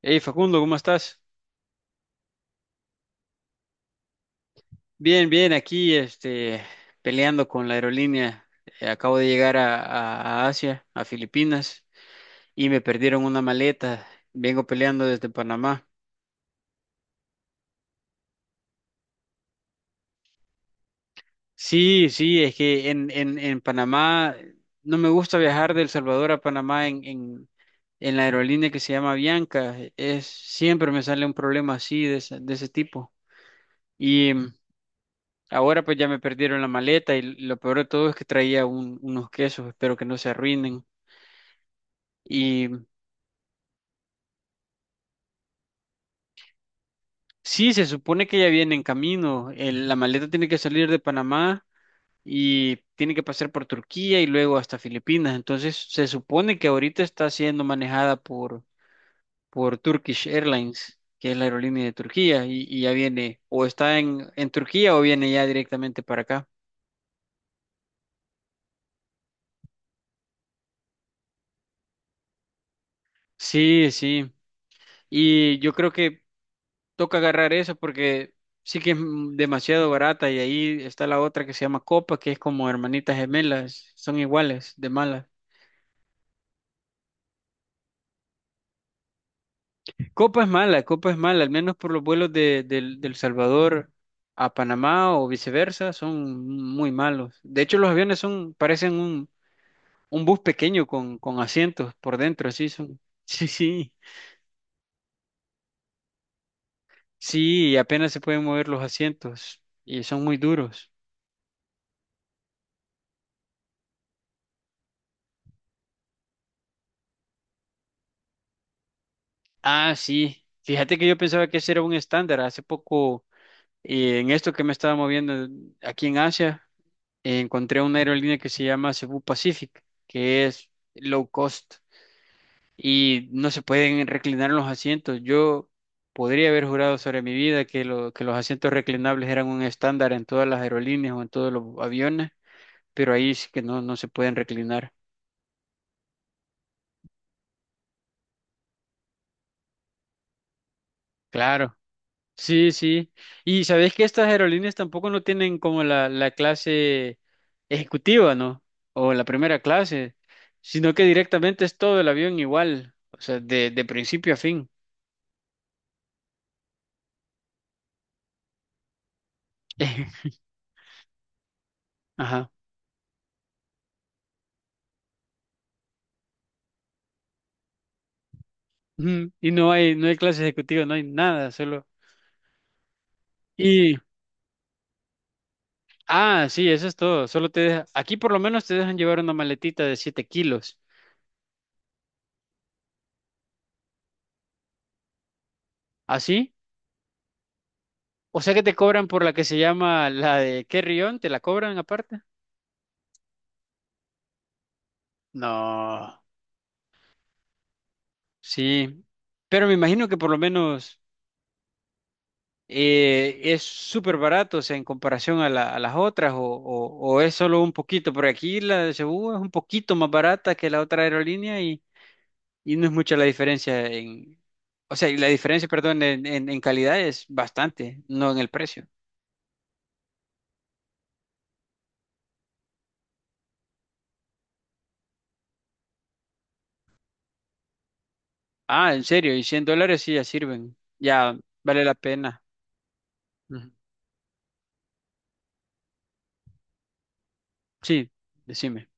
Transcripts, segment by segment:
Hey Facundo, ¿cómo estás? Bien, bien, aquí peleando con la aerolínea. Acabo de llegar a Asia, a Filipinas, y me perdieron una maleta. Vengo peleando desde Panamá. Sí, es que en Panamá no me gusta viajar de El Salvador a Panamá en la aerolínea que se llama Bianca. Es, siempre me sale un problema así de ese tipo. Ahora pues ya me perdieron la maleta y lo peor de todo es que traía unos quesos, espero que no se arruinen. Y sí, se supone que ya viene en camino. La maleta tiene que salir de Panamá y tiene que pasar por Turquía y luego hasta Filipinas. Entonces se supone que ahorita está siendo manejada por Turkish Airlines, que es la aerolínea de Turquía, y ya viene o está en Turquía o viene ya directamente para acá. Sí, sí. Y yo creo que toca agarrar eso porque sí que es demasiado barata y ahí está la otra que se llama Copa, que es como hermanitas gemelas, son iguales de malas. Copa es mala, al menos por los vuelos de, del Salvador a Panamá o viceversa, son muy malos. De hecho, los aviones son, parecen un bus pequeño con asientos por dentro, así son. Sí, sí, sí, apenas se pueden mover los asientos y son muy duros. Ah, sí. Fíjate que yo pensaba que ese era un estándar. Hace poco y en esto que me estaba moviendo aquí en Asia, encontré una aerolínea que se llama Cebu Pacific, que es low cost y no se pueden reclinar los asientos. Yo podría haber jurado sobre mi vida que los asientos reclinables eran un estándar en todas las aerolíneas o en todos los aviones, pero ahí sí que no, no se pueden reclinar. Claro. Sí, sí. Y sabés que estas aerolíneas tampoco no tienen como la clase ejecutiva, ¿no? O la primera clase, sino que directamente es todo el avión igual, o sea, de principio a fin. Ajá. Ujú. Y no hay, no hay clase ejecutiva, no hay nada, solo. Y, ah, sí, eso es todo. Aquí por lo menos te dejan llevar una maletita de 7 kilos. ¿Así? O sea que te cobran por la que se llama la de carry-on, ¿te la cobran aparte? No. Sí, pero me imagino que por lo menos es súper barato, o sea, en comparación a las otras, o es solo un poquito, porque aquí la de Cebú es un poquito más barata que la otra aerolínea y no es mucha la diferencia o sea, y la diferencia, perdón, en calidad es bastante, no en el precio. Ah, en serio, y 100 dólares sí ya sirven, ya vale la pena. Ujú. Sí, decime.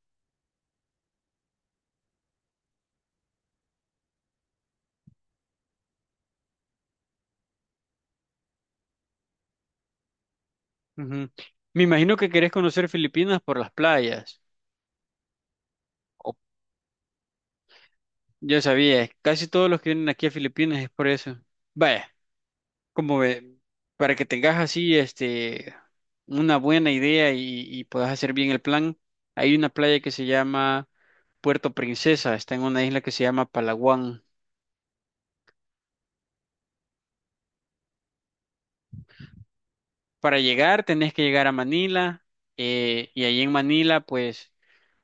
Ujú. Me imagino que querés conocer Filipinas por las playas. Yo sabía, casi todos los que vienen aquí a Filipinas es por eso. Vaya, como ve, para que tengas así una buena idea y puedas hacer bien el plan, hay una playa que se llama Puerto Princesa, está en una isla que se llama Palawan. Para llegar tenés que llegar a Manila, y ahí en Manila pues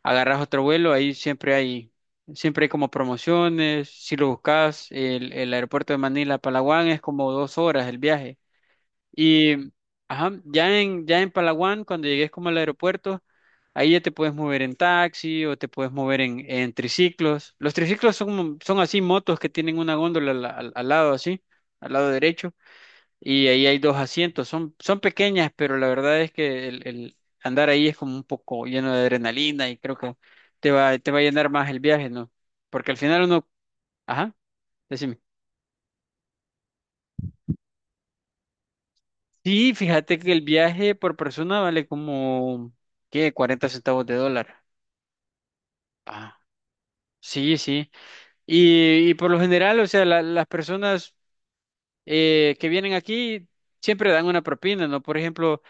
agarras otro vuelo, ahí siempre hay como promociones, si lo buscas el aeropuerto de Manila a Palawan es como 2 horas el viaje. Y ajá, ya en Palawan, cuando llegues como al aeropuerto, ahí ya te puedes mover en taxi o te puedes mover en triciclos. Los triciclos son, son así motos que tienen una góndola al lado así, al lado derecho, y ahí hay dos asientos. Son, son pequeñas, pero la verdad es que el andar ahí es como un poco lleno de adrenalina y creo que te va a llenar más el viaje, ¿no? Porque al final uno, ajá, decime. Sí, fíjate que el viaje por persona vale como, ¿qué? 40 centavos de dólar. Ah, sí, sí. Y por lo general, o sea, las personas que vienen aquí siempre dan una propina, ¿no? Por ejemplo,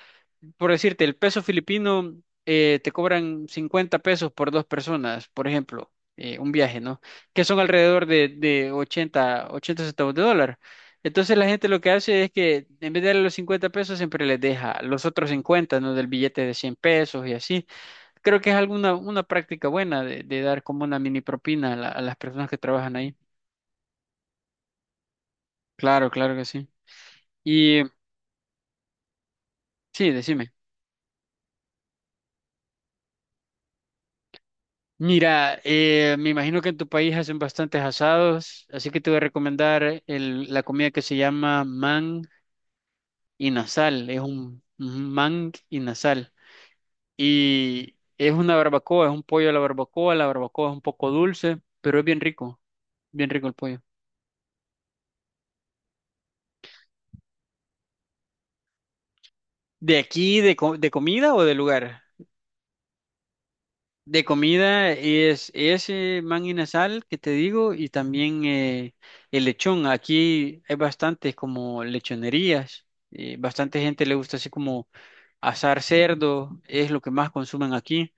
por decirte, el peso filipino, te cobran 50 pesos por dos personas, por ejemplo, un viaje, ¿no? Que son alrededor de 80, 80 centavos de dólar. Entonces la gente lo que hace es que en vez de darle los 50 pesos siempre les deja los otros 50, ¿no? Del billete de 100 pesos y así. Creo que es alguna una práctica buena de dar como una mini propina a las personas que trabajan ahí. Claro, claro que sí. Y sí, decime. Mira, me imagino que en tu país hacen bastantes asados, así que te voy a recomendar la comida que se llama man y nasal. Es un man y nasal. Y es una barbacoa, es un pollo a la barbacoa. La barbacoa es un poco dulce, pero es bien rico el pollo. ¿De aquí, de comida o de lugar? De comida es ese man sal que te digo y también el lechón. Aquí hay bastantes como lechonerías. Bastante gente le gusta así como asar cerdo es lo que más consumen aquí.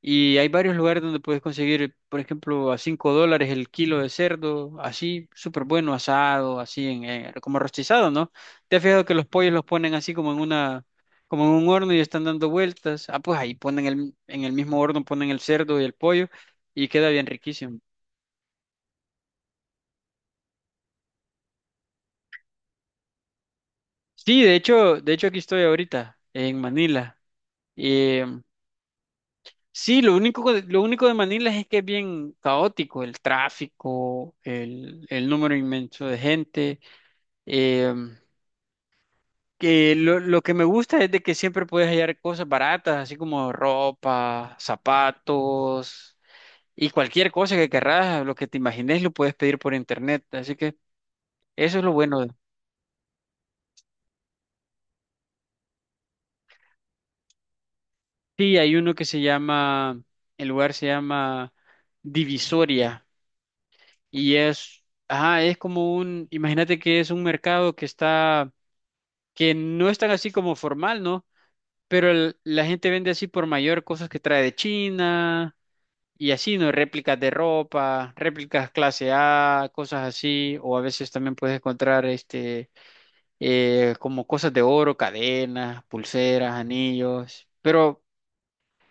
Y hay varios lugares donde puedes conseguir, por ejemplo, a 5 dólares el kilo de cerdo, así, súper bueno, asado, así, como rostizado, ¿no? ¿Te has fijado que los pollos los ponen así como en una, como en un horno y están dando vueltas? Ah, pues ahí ponen el, en el mismo horno ponen el cerdo y el pollo y queda bien riquísimo. Sí, de hecho aquí estoy ahorita, en Manila. Sí, lo único de Manila es que es bien caótico, el tráfico, el número inmenso de gente. eh, que lo que me gusta es de que siempre puedes hallar cosas baratas, así como ropa, zapatos y cualquier cosa que querrás, lo que te imagines lo puedes pedir por internet. Así que eso es lo bueno. de- Sí, hay uno que se llama, el lugar se llama Divisoria y es, ajá, es como un, imagínate que es un mercado que está que no es tan así como formal, ¿no? Pero la gente vende así por mayor cosas que trae de China y así, ¿no? Réplicas de ropa, réplicas clase A, cosas así, o a veces también puedes encontrar como cosas de oro, cadenas, pulseras, anillos, pero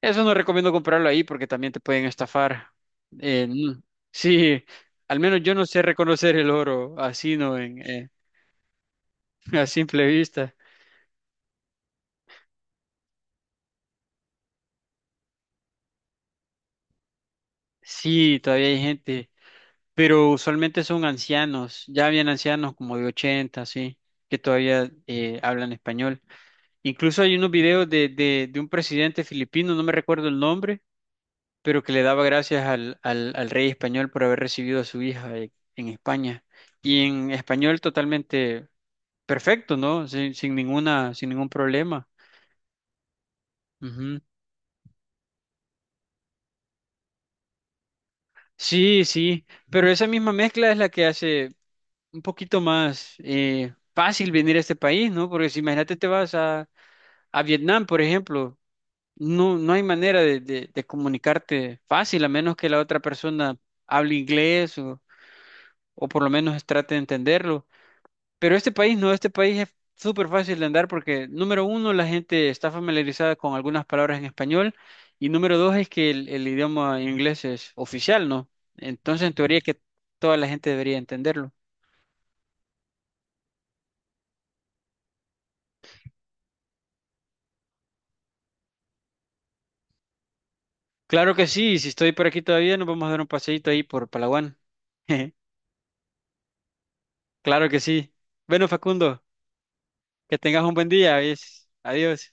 eso no recomiendo comprarlo ahí porque también te pueden estafar. Eh, mm, sí, al menos yo no sé reconocer el oro así, ¿no? A simple vista. Sí, todavía hay gente. Pero usualmente son ancianos, ya habían ancianos como de 80 sí, que todavía hablan español. Incluso hay unos videos de un presidente filipino, no me recuerdo el nombre, pero que le daba gracias al rey español por haber recibido a su hija en España. Y en español totalmente perfecto, ¿no? Sin, sin ninguna, sin ningún problema. Ujú. Sí, sí, pero esa misma mezcla es la que hace un poquito más fácil venir a este país, ¿no? Porque si imagínate te vas a Vietnam, por ejemplo, no, no hay manera de comunicarte fácil, a menos que la otra persona hable inglés o por lo menos trate de entenderlo. Pero este país no, este país es súper fácil de andar porque, número uno, la gente está familiarizada con algunas palabras en español y número dos es que el idioma inglés es oficial, ¿no? Entonces, en teoría que toda la gente debería entenderlo. Claro que sí, y si estoy por aquí todavía, nos vamos a dar un paseíto ahí por Palawan. Claro que sí. Bueno, Facundo. Que tengas un buen día, ¿ves? Adiós.